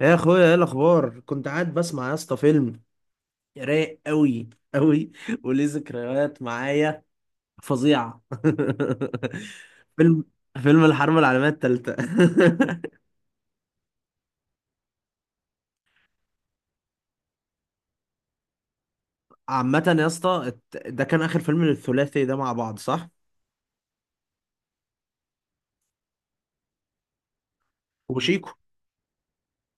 يا اخويا، ايه الاخبار؟ كنت قاعد بسمع يا اسطى فيلم. رايق قوي قوي، وليه ذكريات معايا فظيعه. فيلم فيلم الحرب العالميه الثالثه. عامه يا اسطى، ده كان اخر فيلم للثلاثي ده مع بعض، صح؟ وشيكو.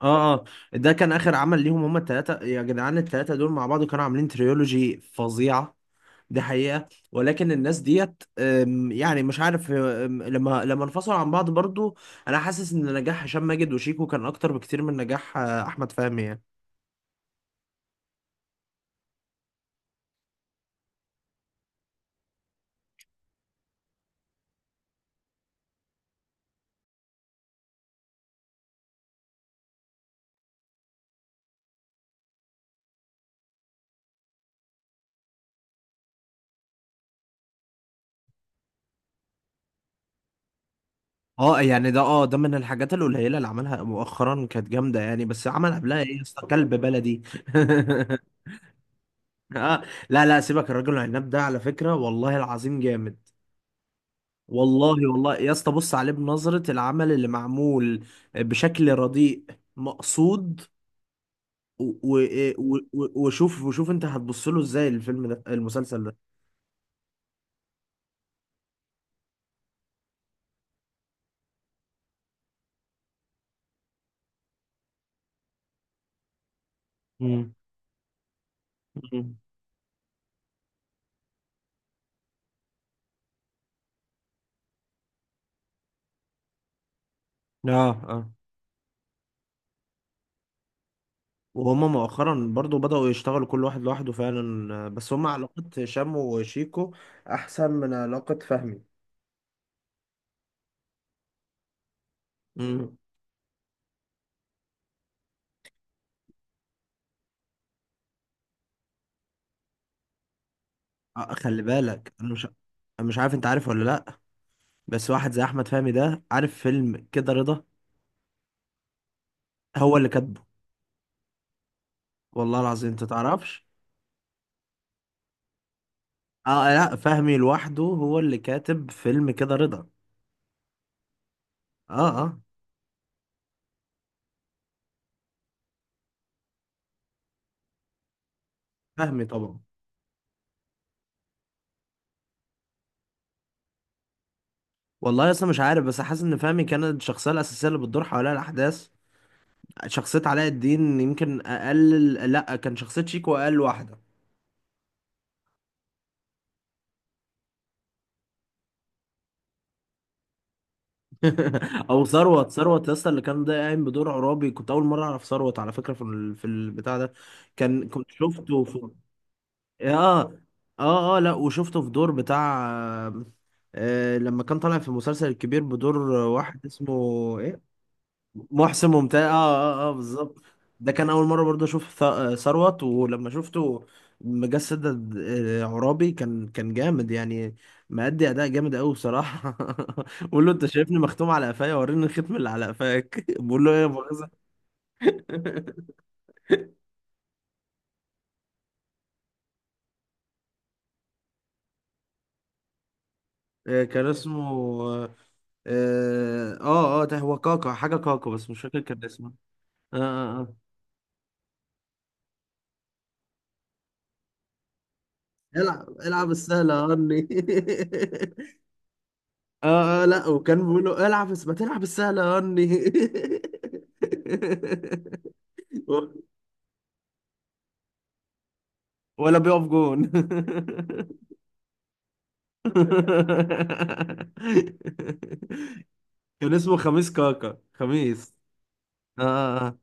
اه، اه. ده كان اخر عمل ليهم، هما الثلاثه. يا جدعان، الثلاثه دول مع بعض كانوا عاملين تريولوجي فظيعه. دي حقيقة، ولكن الناس ديت، يعني مش عارف، لما انفصلوا عن بعض برضو، انا حاسس ان نجاح هشام ماجد وشيكو كان اكتر بكتير من نجاح احمد فهمي يعني. اه، يعني ده، ده من الحاجات القليلة اللي عملها مؤخرا كانت جامدة يعني، بس عمل قبلها ايه يا اسطى؟ كلب بلدي. اه. لا لا، سيبك الراجل العناب ده، على فكرة والله العظيم جامد. والله والله يا اسطى، بص عليه بنظرة العمل اللي معمول بشكل رديء مقصود. وشوف انت هتبص له ازاي الفيلم ده، المسلسل ده. امم. امم. اه، اه، وهما مؤخرا برضو بدأوا يشتغلوا كل واحد لوحده فعلا، بس هما علاقة هشام وشيكو أحسن من علاقة فهمي. امم خلي بالك، أنا مش عارف أنت عارف ولا لأ. بس واحد زي أحمد فهمي ده، عارف فيلم كده رضا؟ هو اللي كاتبه، والله العظيم أنت تعرفش. أه، لأ، فهمي لوحده هو اللي كاتب فيلم كده رضا. أه، أه. فهمي طبعا. والله اصلا مش عارف، بس حاسس ان فهمي كانت الشخصيه الاساسيه اللي بتدور حواليها الاحداث. شخصيه علاء الدين يمكن اقل. لا، كان شخصيه شيكو اقل واحده. او ثروت. ثروت لسه اللي كان ده قايم بدور عرابي، كنت اول مره اعرف ثروت على فكره في البتاع ده. كنت شفته في. اه، اه، اه. لا، وشفته في دور بتاع لما كان طالع في المسلسل الكبير بدور واحد اسمه. إيه؟ محسن ممتاز. اه، اه، اه، بالظبط. ده كان اول مره برضه اشوف ثروت، ولما شفته مجسد عرابي، كان جامد يعني. مأدي اداء جامد قوي بصراحه. بقول له: انت شايفني مختوم على قفايا؟ وريني الختم اللي على قفاك. بقول له ايه؟ يا مؤاخذه. كان اسمه. اه، اه، ده هو كاكا، حاجه كاكا، بس مش فاكر كان اسمه. اه، اه، اه. العب العب السهله يا هني. اه، لا، وكان بيقول له: العب بس ما تلعب السهلة يا هني. و- ولا بيقف جون. كان اسمه خميس كاكا، خميس. اه. آه. آه.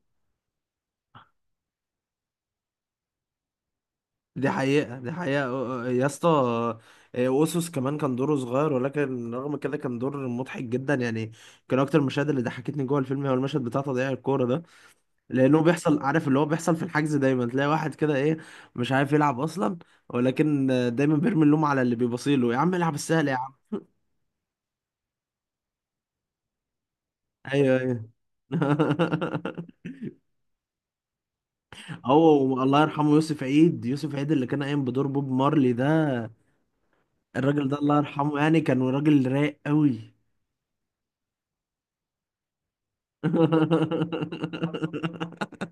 دي حقيقة، دي حقيقة، يا اسطى. اوسوس كمان كان دوره صغير، ولكن رغم كده كان دور مضحك جدا يعني. كان اكتر المشاهد اللي ضحكتني جوه الفيلم هو المشهد بتاع تضييع الكورة، لانه بيحصل، عارف اللي هو بيحصل في الحجز، دايما تلاقي واحد كده ايه، مش عارف يلعب اصلا، ولكن دايما بيرمي اللوم على اللي بيبصيله: يا عم العب السهل يا عم. ايوه، ايوه. هو الله يرحمه يوسف عيد، يوسف عيد اللي كان قايم بدور بوب مارلي ده، الراجل ده الله يرحمه يعني كان راجل رايق قوي.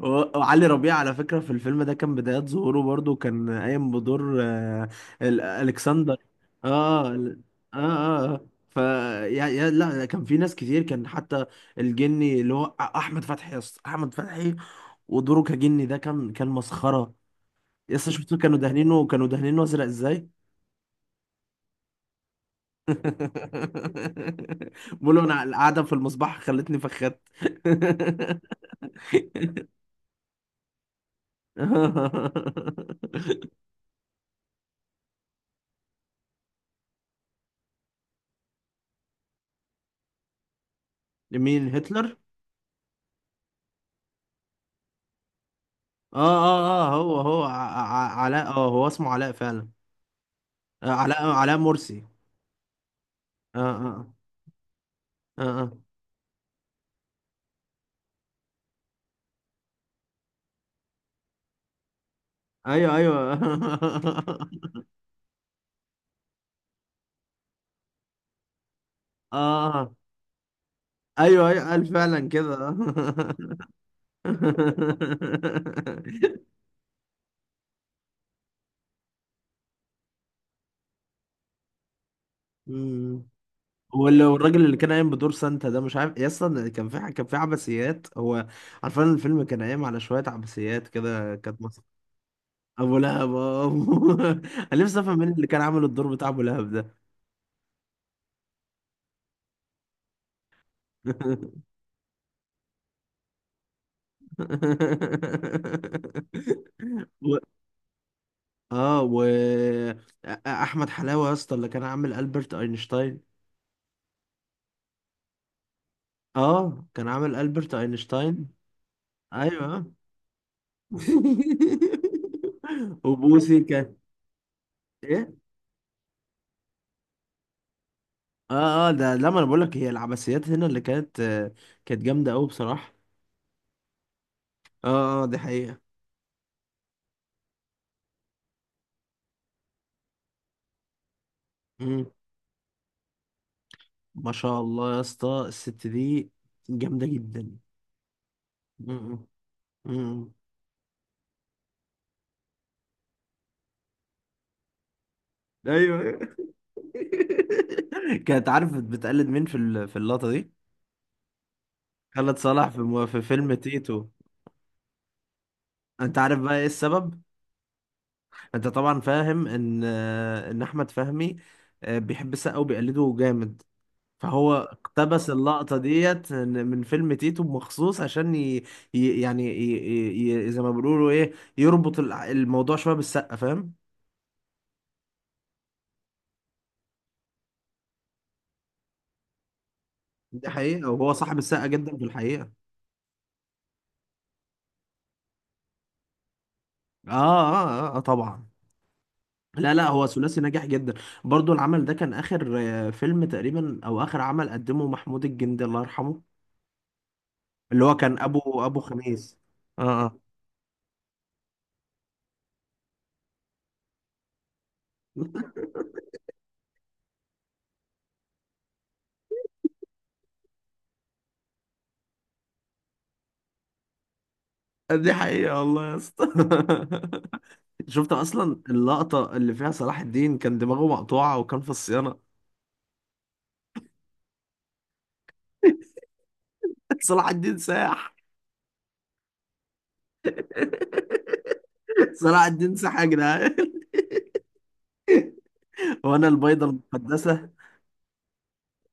وعلي ربيع على فكرة في الفيلم ده كان بدايات ظهوره، برضو كان قايم بدور ألكسندر. اه، اه، اه، آه. ف يا يا لا، كان في ناس كتير، كان حتى الجني اللي هو، احمد فتحي يا اسطى، احمد فتحي، ودوره كجني ده كان مسخرة. يا اسطى، شفتوا كانوا دهنينه، كانوا دهنينه ازرق ازاي؟ بقولوا انا القعدة في المصباح خلتني فخدت. مين هتلر؟ اه، اه، اه، هو، علاء. اه، هو اسمه علاء فعلا. علاء مرسي. اه، اه، اه، اه، ايوه، ايوه. اه، ايوه، ايوه، قال فعلا كده. مم. والراجل اللي كان قايم بدور سانتا ده، مش عارف يا اسطى كان في عبثيات هو. عارفين الفيلم كان قايم على شويه عبثيات كده، كانت مصر. ابو لهب. آه. انا نفسي افهم مين اللي كان عامل الدور بتاع ابو لهب ده. و... اه و احمد حلاوه يا اسطى اللي كان عامل البرت اينشتاين. اه، كان عامل البرت اينشتاين. ايوه. وبوسي كان ايه؟ اه، اه، ده لما انا بقول لك هي العباسيات هنا اللي كانت جامده قوي بصراحه. اه، اه، دي حقيقه. مم. ما شاء الله يا اسطى، الست دي جامده جدا. مم. مم. ايوه. كانت عارف بتقلد مين في اللقطة دي؟ خالد صالح في فيلم تيتو. انت عارف بقى ايه السبب؟ انت طبعا فاهم ان احمد فهمي بيحب السقا وبيقلده جامد، فهو اقتبس اللقطة ديت من فيلم تيتو مخصوص عشان يعني، زي ما بيقولوا ايه، يربط الموضوع شوية بالسقا، فاهم؟ دي حقيقة، وهو صاحب السقا جدا في الحقيقة. اه، اه، آه، آه، طبعا. لا لا، هو ثلاثي ناجح جدا. برضو العمل ده كان اخر فيلم تقريبا، او اخر عمل قدمه محمود الجندي الله يرحمه. اللي هو كان ابو خميس. اه. آه. دي حقيقة والله يا اسطى. شفت اصلا اللقطة اللي فيها صلاح الدين كان دماغه مقطوعة وكان في الصيانة. صلاح الدين ساح. صلاح الدين ساح يا جدعان. وانا البيضة المقدسة.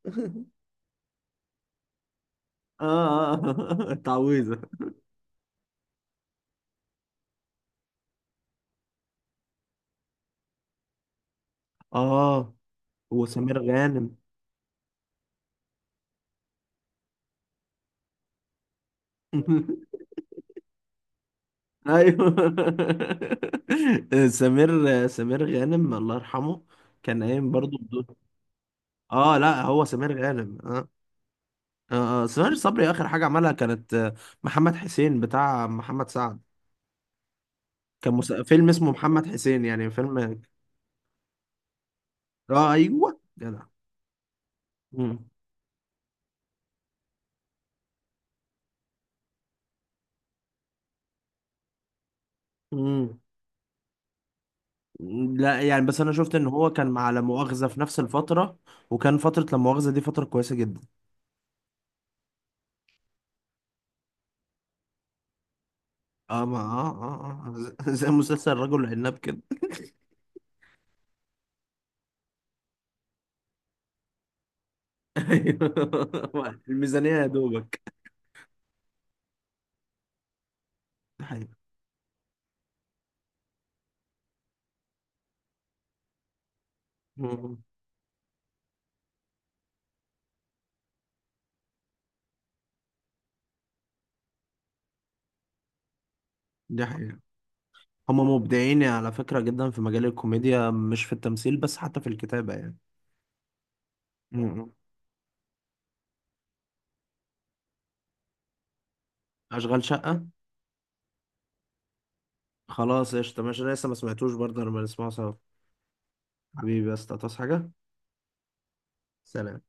اه، اه. التعويذة. اه، وسمير غانم. ايوه. سمير غانم الله يرحمه، كان قايم برضو بدور. اه، لا، هو سمير غانم، اه. اه. سمير صبري اخر حاجه عملها كانت محمد حسين بتاع محمد سعد. كان فيلم اسمه محمد حسين، يعني فيلم. اه، ايوه، جدع. مم. مم. لا يعني، بس انا شفت ان هو كان مع لا مؤاخذه في نفس الفتره، وكان فتره لا مؤاخذه دي فتره كويسه جدا. اه، ما، اه، اه، آه. زي مسلسل الرجل العناب كده. ايوه. الميزانية يا دوبك. دي حقيقة. مم. دي حقيقة. هما مبدعين على فكرة جدا في مجال الكوميديا، مش في التمثيل بس حتى في الكتابة يعني. مم. أشغال شقة. خلاص، قشطة، ماشي، أنا لسه ما سمعتوش برضه، لما نسمعه سوا. حبيبي، بس تصحى حاجة. سلام.